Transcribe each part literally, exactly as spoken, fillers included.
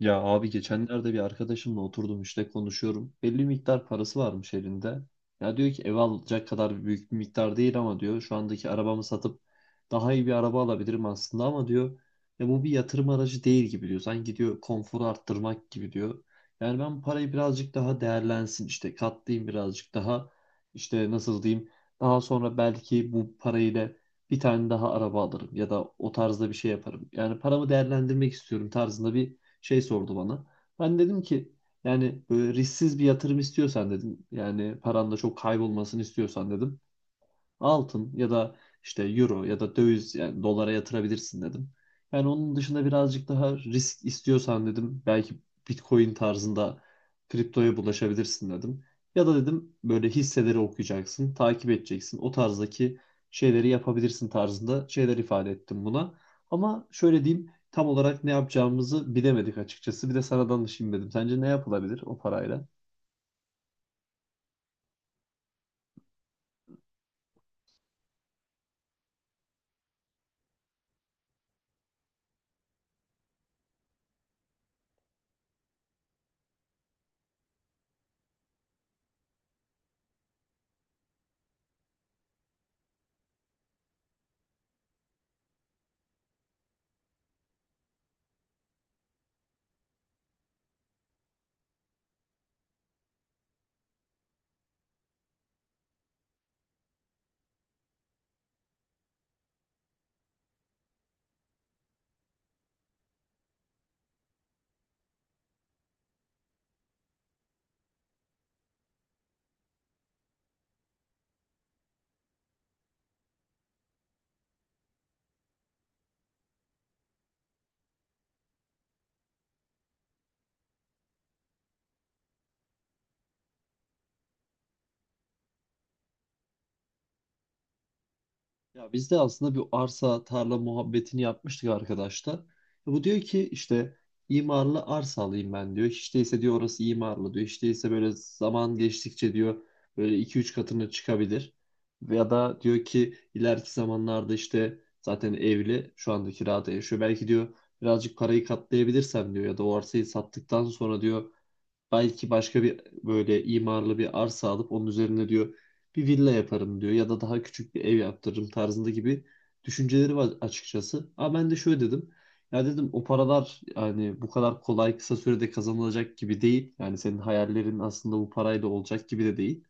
Ya abi geçenlerde bir arkadaşımla oturdum işte konuşuyorum. Belli bir miktar parası varmış elinde. Ya diyor ki ev alacak kadar büyük bir miktar değil ama diyor şu andaki arabamı satıp daha iyi bir araba alabilirim aslında ama diyor ya bu bir yatırım aracı değil gibi diyor. Sanki diyor konforu arttırmak gibi diyor. Yani ben parayı birazcık daha değerlensin işte katlayayım birazcık daha işte nasıl diyeyim daha sonra belki bu parayla bir tane daha araba alırım ya da o tarzda bir şey yaparım. Yani paramı değerlendirmek istiyorum tarzında bir şey sordu bana. Ben dedim ki yani böyle risksiz bir yatırım istiyorsan dedim. Yani paran da çok kaybolmasını istiyorsan dedim altın ya da işte euro ya da döviz yani dolara yatırabilirsin dedim. Yani onun dışında birazcık daha risk istiyorsan dedim belki Bitcoin tarzında kriptoya bulaşabilirsin dedim. Ya da dedim böyle hisseleri okuyacaksın, takip edeceksin. O tarzdaki şeyleri yapabilirsin tarzında şeyler ifade ettim buna. Ama şöyle diyeyim tam olarak ne yapacağımızı bilemedik açıkçası. Bir de sana danışayım dedim. Sence ne yapılabilir o parayla? Ya biz de aslında bir arsa tarla muhabbetini yapmıştık arkadaşlar. Bu diyor ki işte imarlı arsa alayım ben diyor. Hiç değilse diyor orası imarlı diyor. Hiç değilse böyle zaman geçtikçe diyor böyle iki üç katını çıkabilir. Ya da diyor ki ileriki zamanlarda işte zaten evli, şu anda kirada yaşıyor. Belki diyor birazcık parayı katlayabilirsem diyor ya da o arsayı sattıktan sonra diyor Belki başka bir böyle imarlı bir arsa alıp onun üzerine diyor bir villa yaparım diyor ya da daha küçük bir ev yaptırırım tarzında gibi düşünceleri var açıkçası. Ama ben de şöyle dedim. Ya dedim o paralar yani bu kadar kolay kısa sürede kazanılacak gibi değil. Yani senin hayallerin aslında bu parayla olacak gibi de değil.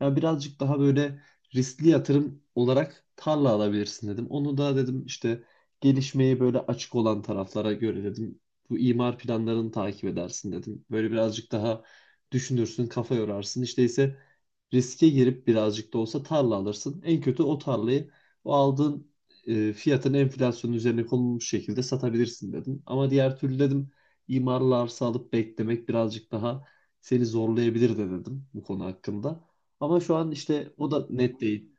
Ya birazcık daha böyle riskli yatırım olarak tarla alabilirsin dedim. Onu da dedim işte gelişmeye böyle açık olan taraflara göre dedim. Bu imar planlarını takip edersin dedim. Böyle birazcık daha düşünürsün, kafa yorarsın. İşte ise riske girip birazcık da olsa tarla alırsın. En kötü o tarlayı o aldığın e, fiyatın enflasyonun üzerine konulmuş şekilde satabilirsin dedim. Ama diğer türlü dedim imarlı arsa alıp beklemek birazcık daha seni zorlayabilir de dedim bu konu hakkında. Ama şu an işte o da net değil.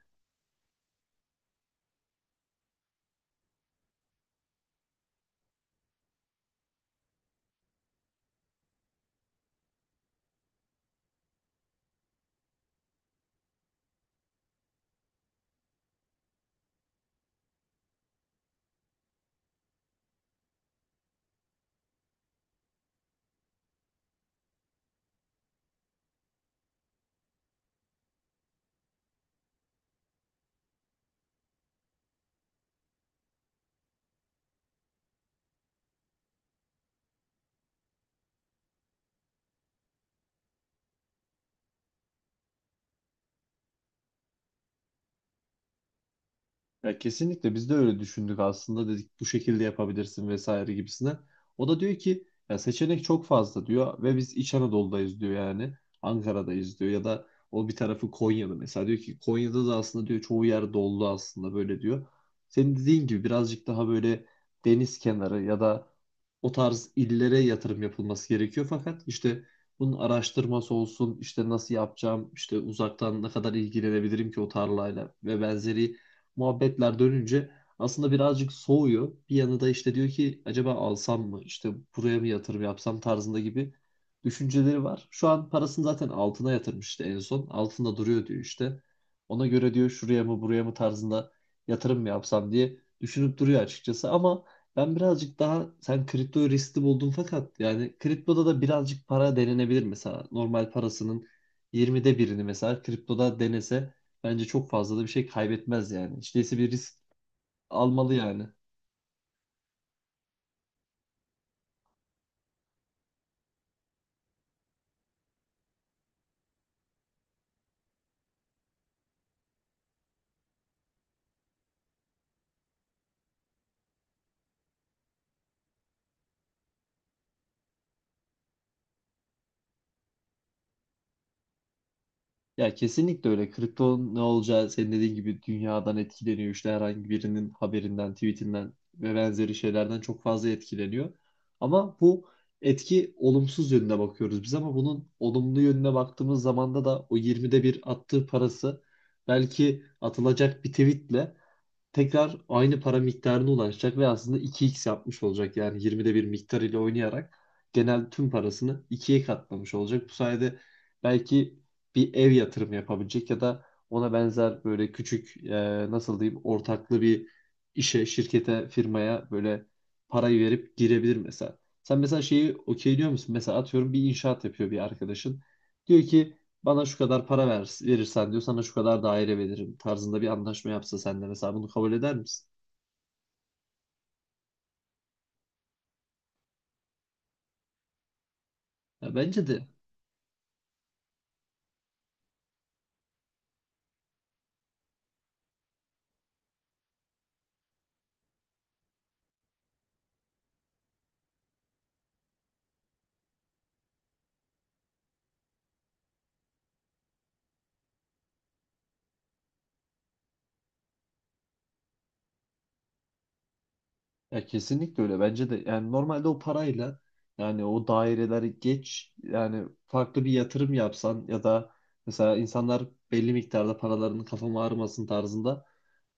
Ya kesinlikle biz de öyle düşündük aslında, dedik bu şekilde yapabilirsin vesaire gibisine. O da diyor ki ya seçenek çok fazla diyor ve biz İç Anadolu'dayız diyor, yani Ankara'dayız diyor ya da o bir tarafı Konya'da, mesela diyor ki Konya'da da aslında diyor çoğu yer dolu aslında böyle diyor. Senin dediğin gibi birazcık daha böyle deniz kenarı ya da o tarz illere yatırım yapılması gerekiyor, fakat işte bunun araştırması olsun, işte nasıl yapacağım, işte uzaktan ne kadar ilgilenebilirim ki o tarlayla ve benzeri muhabbetler dönünce aslında birazcık soğuyor. Bir yanı da işte diyor ki acaba alsam mı, işte buraya mı yatırım yapsam tarzında gibi düşünceleri var. Şu an parasını zaten altına yatırmıştı en son. Altında duruyor diyor işte. Ona göre diyor şuraya mı buraya mı tarzında yatırım mı yapsam diye düşünüp duruyor açıkçası, ama ben birazcık daha, sen kripto riskli buldun fakat yani kriptoda da birazcık para denenebilir, mesela normal parasının yirmide birini mesela kriptoda denese bence çok fazla da bir şey kaybetmez yani. Hiç değilse bir risk almalı yani. Ya kesinlikle öyle. Kripto ne olacağı senin dediğin gibi dünyadan etkileniyor. İşte herhangi birinin haberinden, tweetinden ve benzeri şeylerden çok fazla etkileniyor. Ama bu etki olumsuz yönüne bakıyoruz biz, ama bunun olumlu yönüne baktığımız zamanda da da o yirmide bir attığı parası belki atılacak bir tweetle tekrar aynı para miktarına ulaşacak ve aslında iki x yapmış olacak. Yani yirmide bir miktar ile oynayarak genel tüm parasını ikiye katlamış olacak. Bu sayede belki bir ev yatırımı yapabilecek ya da ona benzer böyle küçük, e, nasıl diyeyim, ortaklı bir işe, şirkete, firmaya böyle parayı verip girebilir mesela. Sen mesela şeyi okey musun? Mesela atıyorum bir inşaat yapıyor bir arkadaşın. Diyor ki bana şu kadar para ver, verirsen diyor sana şu kadar daire veririm tarzında bir anlaşma yapsa sen de mesela bunu kabul eder misin? Ya bence de. Ya kesinlikle öyle bence de, yani normalde o parayla, yani o daireleri geç, yani farklı bir yatırım yapsan ya da mesela insanlar belli miktarda paralarının kafama ağrımasın tarzında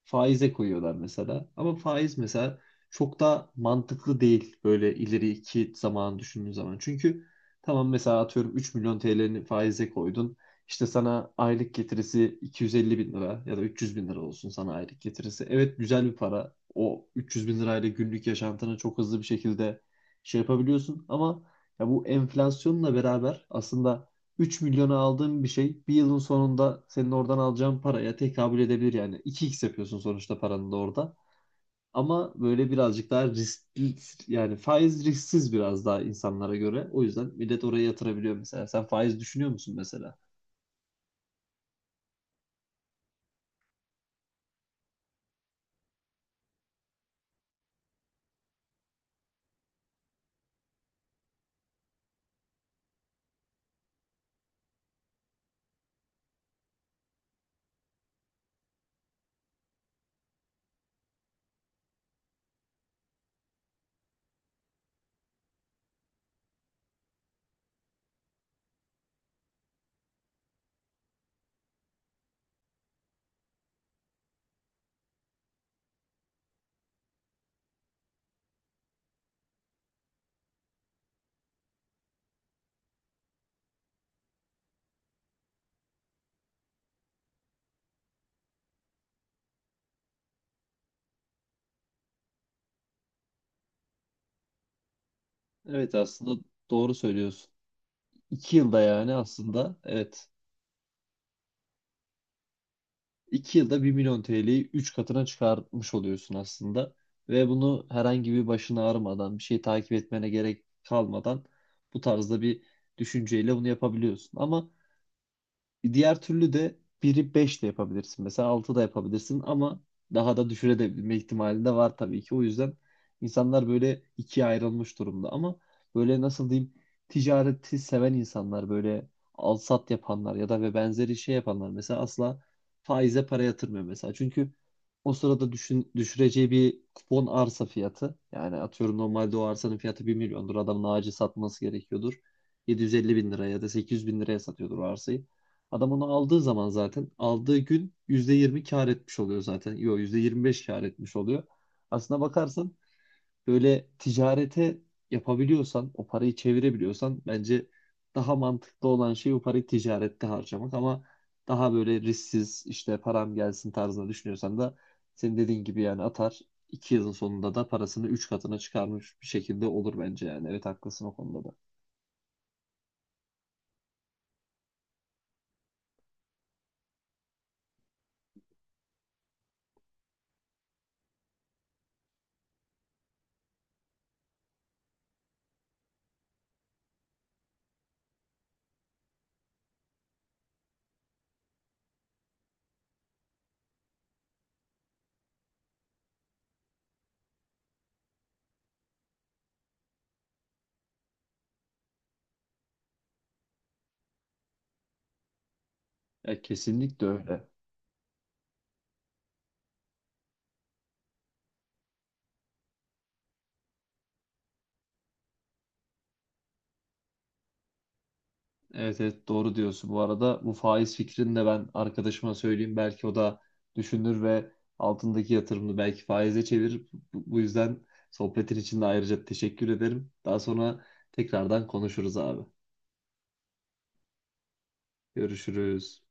Faize koyuyorlar mesela. Ama faiz mesela çok da mantıklı değil böyle ileriki zaman düşündüğün zaman. Çünkü tamam, mesela atıyorum üç milyon T L'ni faize koydun. İşte sana aylık getirisi iki yüz elli bin lira ya da üç yüz bin lira olsun sana aylık getirisi. Evet, güzel bir para. O üç yüz bin lirayla günlük yaşantını çok hızlı bir şekilde şey yapabiliyorsun. Ama ya bu enflasyonla beraber aslında üç milyona aldığın bir şey bir yılın sonunda senin oradan alacağın paraya tekabül edebilir yani. iki x yapıyorsun sonuçta paranı da orada. Ama böyle birazcık daha riskli, yani faiz risksiz biraz daha insanlara göre. O yüzden millet oraya yatırabiliyor mesela. Sen faiz düşünüyor musun mesela? Evet, aslında doğru söylüyorsun. iki yılda, yani aslında evet, iki yılda bir milyon T L'yi üç katına çıkarmış oluyorsun aslında. Ve bunu herhangi bir başını ağrımadan, bir şey takip etmene gerek kalmadan bu tarzda bir düşünceyle bunu yapabiliyorsun. Ama e, Diğer türlü de biri beş de yapabilirsin. Mesela altı da yapabilirsin ama daha da düşürebilme ihtimali de var tabii ki. O yüzden insanlar böyle ikiye ayrılmış durumda. Ama böyle nasıl diyeyim, ticareti seven insanlar, böyle al sat yapanlar ya da ve benzeri şey yapanlar mesela asla faize para yatırmıyor mesela. Çünkü o sırada düşün, düşüreceği bir kupon arsa fiyatı, yani atıyorum normalde o arsanın fiyatı bir milyondur. Adamın ağacı satması gerekiyordur. yedi yüz elli bin liraya ya da sekiz yüz bin liraya satıyordur o arsayı. Adam onu aldığı zaman zaten aldığı gün yüzde yirmi kar etmiş oluyor zaten. Yok, yüzde yirmi beş kar etmiş oluyor. Aslına bakarsan böyle ticarete yapabiliyorsan, o parayı çevirebiliyorsan, bence daha mantıklı olan şey o parayı ticarette harcamak, ama daha böyle risksiz işte param gelsin tarzında düşünüyorsan da senin dediğin gibi yani atar iki yılın sonunda da parasını üç katına çıkarmış bir şekilde olur bence yani. Evet, haklısın o konuda da. Ya kesinlikle öyle. Evet evet, doğru diyorsun. Bu arada bu faiz fikrini de ben arkadaşıma söyleyeyim. Belki o da düşünür ve altındaki yatırımını belki faize çevirir. Bu bu yüzden sohbetin için de ayrıca teşekkür ederim. Daha sonra tekrardan konuşuruz abi. Görüşürüz.